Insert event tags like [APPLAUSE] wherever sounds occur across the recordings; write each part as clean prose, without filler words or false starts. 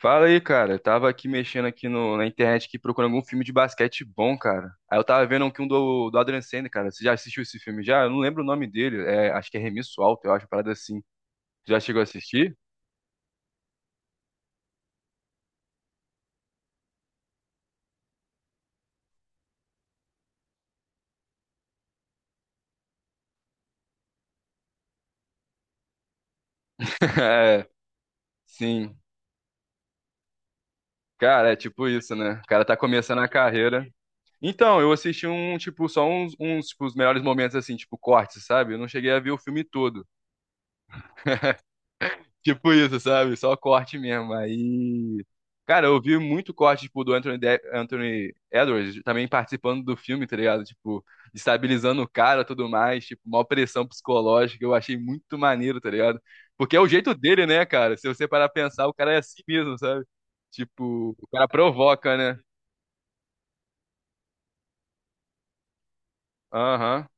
Fala aí, cara. Eu tava aqui mexendo aqui na internet aqui procurando algum filme de basquete bom, cara. Aí eu tava vendo aqui um do Adam Sandler, cara. Você já assistiu esse filme já? Eu não lembro o nome dele. É, acho que é Remisso Alto, eu acho, uma parada assim. Já chegou a assistir? [LAUGHS] É, sim. Cara, é tipo isso, né? O cara tá começando a carreira. Então, eu assisti um, tipo, só uns tipo, os melhores momentos, assim, tipo, cortes, sabe? Eu não cheguei a ver o filme todo. Tipo isso, sabe? Só corte mesmo. Aí. Cara, eu vi muito corte, tipo, do Anthony Edwards também participando do filme, tá ligado? Tipo, estabilizando o cara e tudo mais, tipo, uma pressão psicológica. Eu achei muito maneiro, tá ligado? Porque é o jeito dele, né, cara? Se você parar pra pensar, o cara é assim mesmo, sabe? Tipo, o cara provoca, né? Aham.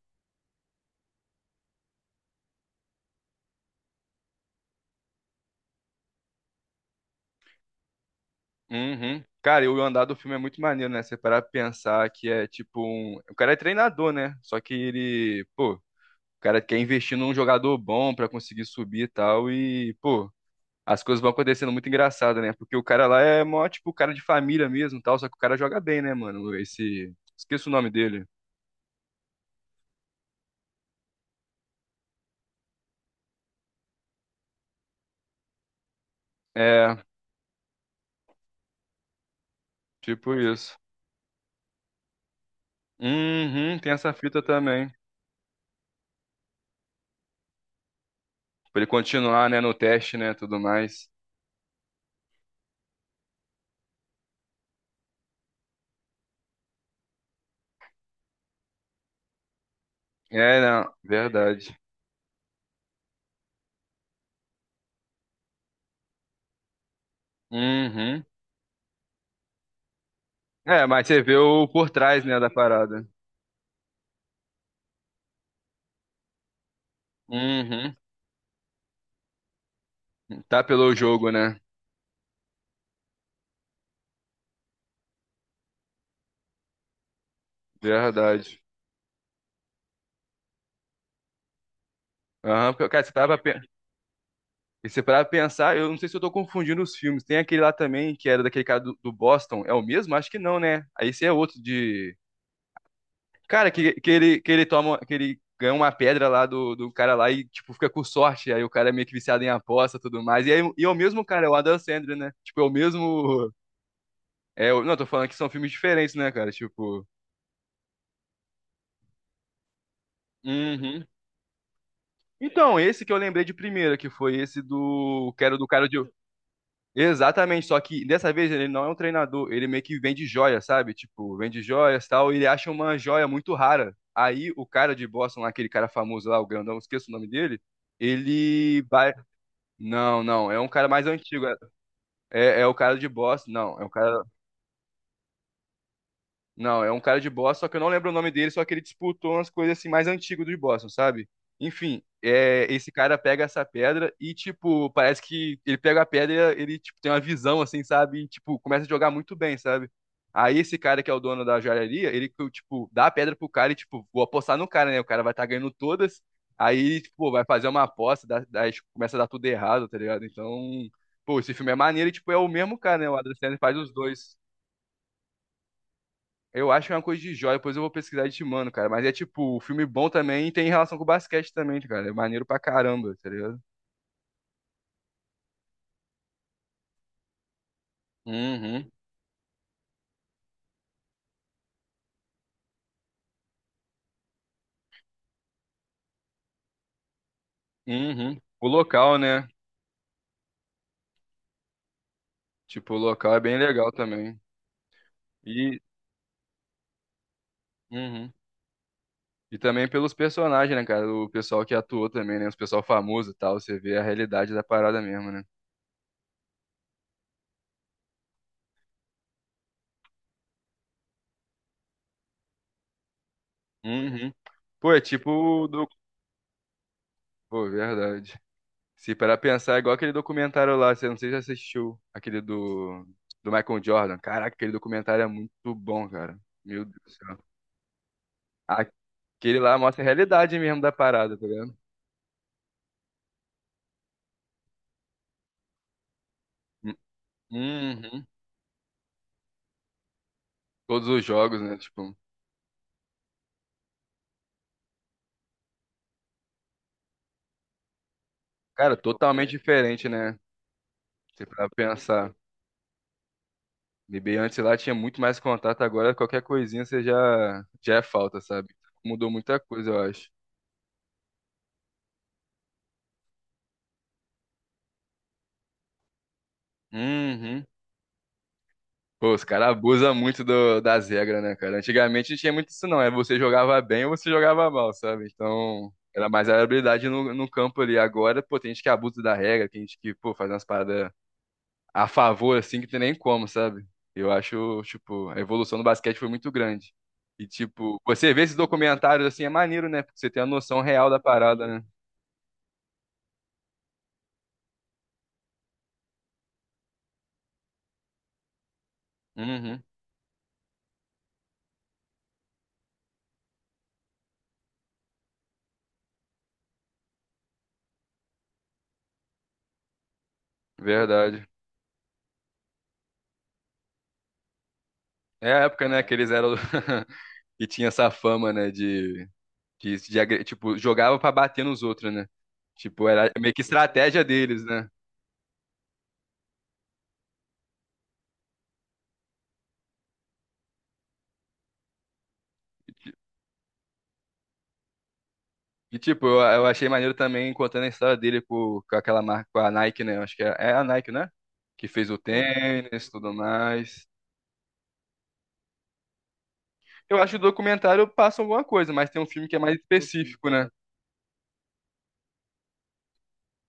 Uhum. Cara, e o andar do filme é muito maneiro, né? Você parar pra pensar que é tipo um. O cara é treinador, né? Só que ele, pô, o cara quer investir num jogador bom pra conseguir subir e tal. E, pô, as coisas vão acontecendo muito engraçada, né? Porque o cara lá é mó, tipo, cara de família mesmo, e tal, só que o cara joga bem, né, mano? Esse, esqueço o nome dele. É, tipo isso. Uhum, tem essa fita também. Pra ele continuar, né, no teste, né, tudo mais. É, não, verdade. Uhum. É, mas você vê o por trás, né, da parada. Uhum. Tá pelo jogo, né? Verdade. Aham, porque, cara, você tava. E se parar pra pensar, eu não sei se eu tô confundindo os filmes. Tem aquele lá também, que era daquele cara do Boston. É o mesmo? Acho que não, né? Aí esse é outro de. Cara, que ele, que ele toma. Que ele ganha uma pedra lá do cara lá e, tipo, fica com sorte. Aí o cara é meio que viciado em aposta e tudo mais. E, aí, e é o mesmo cara, é o Adam Sandler, né? Tipo, é o mesmo. Não, tô falando que são filmes diferentes, né, cara? Tipo. Uhum. Então, esse que eu lembrei de primeira, que foi esse do. Que era do cara de. Exatamente, só que dessa vez ele não é um treinador, ele meio que vende joia, sabe? Tipo, vende joias e tal, e ele acha uma joia muito rara. Aí o cara de Boston, lá, aquele cara famoso lá, o grandão, esqueço o nome dele, ele vai. Não, não, é um cara mais antigo. É, é o cara de Boston, não, é um cara. Não, é um cara de Boston, só que eu não lembro o nome dele, só que ele disputou umas coisas assim mais antigas do Boston, sabe? Enfim, é, esse cara pega essa pedra e, tipo, parece que ele pega a pedra e ele, tipo, tem uma visão, assim, sabe? E, tipo, começa a jogar muito bem, sabe? Aí esse cara que é o dono da joalheria, ele, tipo, dá a pedra pro cara e, tipo, vou apostar no cara, né? O cara vai estar ganhando todas, aí, tipo, vai fazer uma aposta, tipo, começa a dar tudo errado, tá ligado? Então, pô, esse filme é maneiro e, tipo, é o mesmo cara, né? O Adam Sandler faz os dois. Eu acho que é uma coisa de joia, depois eu vou pesquisar e te mando, cara. Mas é tipo, o filme bom também tem relação com o basquete também, cara. É maneiro pra caramba, tá ligado? Uhum, uhum. O local, né? Tipo, o local é bem legal também. E, uhum. E também pelos personagens, né, cara? O pessoal que atuou também, né? Os pessoal famoso e tal. Você vê a realidade da parada mesmo, né? Uhum. Pô, é tipo o do. Pô, verdade. Se parar pra pensar, é igual aquele documentário lá, você não sei se você assistiu, aquele do, do Michael Jordan. Caraca, aquele documentário é muito bom, cara. Meu Deus do céu. Aquele lá mostra a realidade mesmo da parada, tá vendo? Uhum. Todos os jogos, né? Tipo, cara, totalmente diferente, né? Você pra pensar. NBA antes lá tinha muito mais contato, agora qualquer coisinha você já, já é falta, sabe? Mudou muita coisa, eu acho. Uhum. Pô, os caras abusam muito das regras, né, cara? Antigamente não tinha muito isso, não. É você jogava bem ou você jogava mal, sabe? Então, era mais a habilidade no campo ali. Agora, pô, tem gente que abusa da regra, tem gente que, pô, faz umas paradas a favor, assim, que tem nem como, sabe? Eu acho, tipo, a evolução do basquete foi muito grande. E, tipo, você vê esses documentários, assim, é maneiro, né? Porque você tem a noção real da parada, né? Uhum, verdade. É a época, né, que eles eram... [LAUGHS] que tinha essa fama, né, de... tipo, jogava pra bater nos outros, né? Tipo, era meio que estratégia deles, né? E, tipo, eu achei maneiro também contando a história dele com aquela marca, com a Nike, né? Eu acho que é a Nike, né? Que fez o tênis tudo mais. Eu acho que o documentário passa alguma coisa, mas tem um filme que é mais específico, né?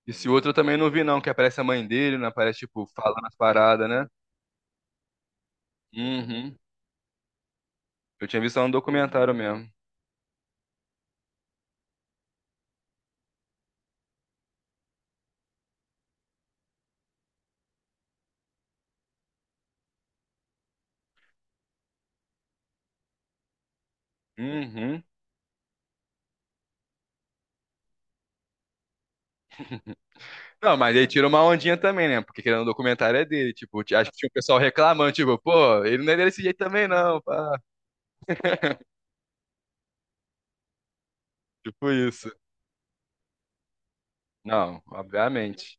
Esse outro eu também não vi, não, que aparece a mãe dele, né? Aparece, tipo, falando as paradas, né? Uhum. Eu tinha visto só no documentário mesmo. Uhum. Não, mas ele tira uma ondinha também, né? Porque querendo o documentário é dele, tipo, acho que tinha um pessoal reclamando, tipo, pô, ele não é desse jeito também não, pá. [LAUGHS] Tipo isso. Não, obviamente.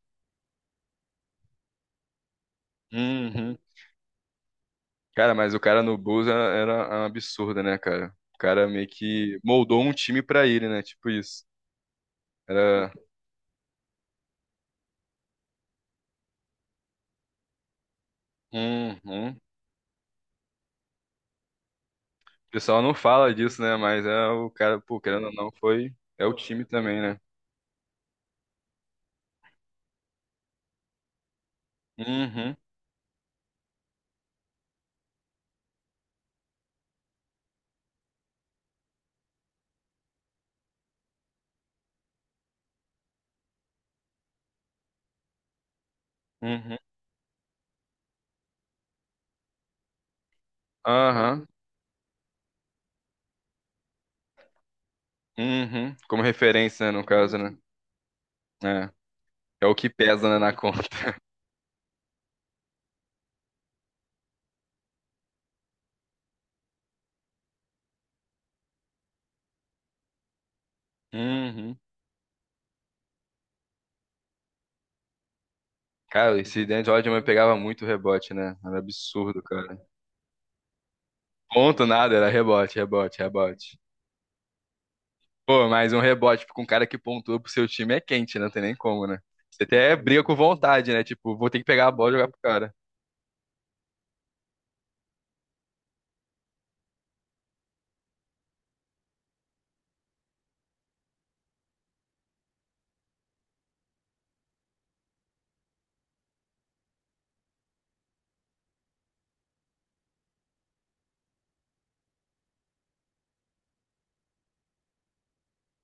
Uhum. Cara, mas o cara no Bulls era um absurdo, né, cara? O cara meio que moldou um time pra ele, né? Tipo isso. Era. Uhum. O pessoal não fala disso, né? Mas é o cara, pô, querendo ou não, foi. É o time também, né? Uhum. Uhum. Aham. Uhum. Como referência, né, no caso, né? É. É o que pesa, né, na conta. Uhum. Cara, esse Dennis Rodman pegava muito rebote, né? Era absurdo, cara. Ponto nada, era rebote, rebote, rebote. Pô, mas um rebote com um cara que pontua pro seu time é quente, né? Não tem nem como, né? Você até briga com vontade, né? Tipo, vou ter que pegar a bola e jogar pro cara.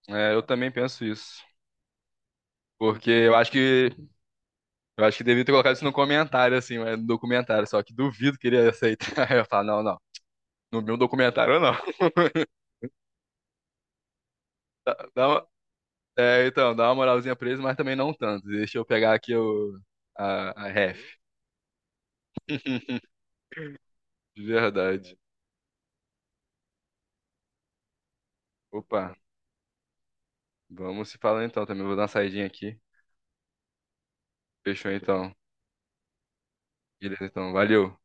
É, eu também penso isso. Porque eu acho que devia ter colocado isso no comentário, assim, mas no documentário, só que duvido que ele ia aceitar. [LAUGHS] Eu falo, não, não. No meu documentário, não. [LAUGHS] Dá, dá, é, então, dá uma moralzinha pra eles, mas também não tanto. Deixa eu pegar aqui o, a ref. [LAUGHS] De verdade. Opa, vamos se falar então também. Vou dar uma saidinha aqui. Fechou então. Beleza, então. Valeu.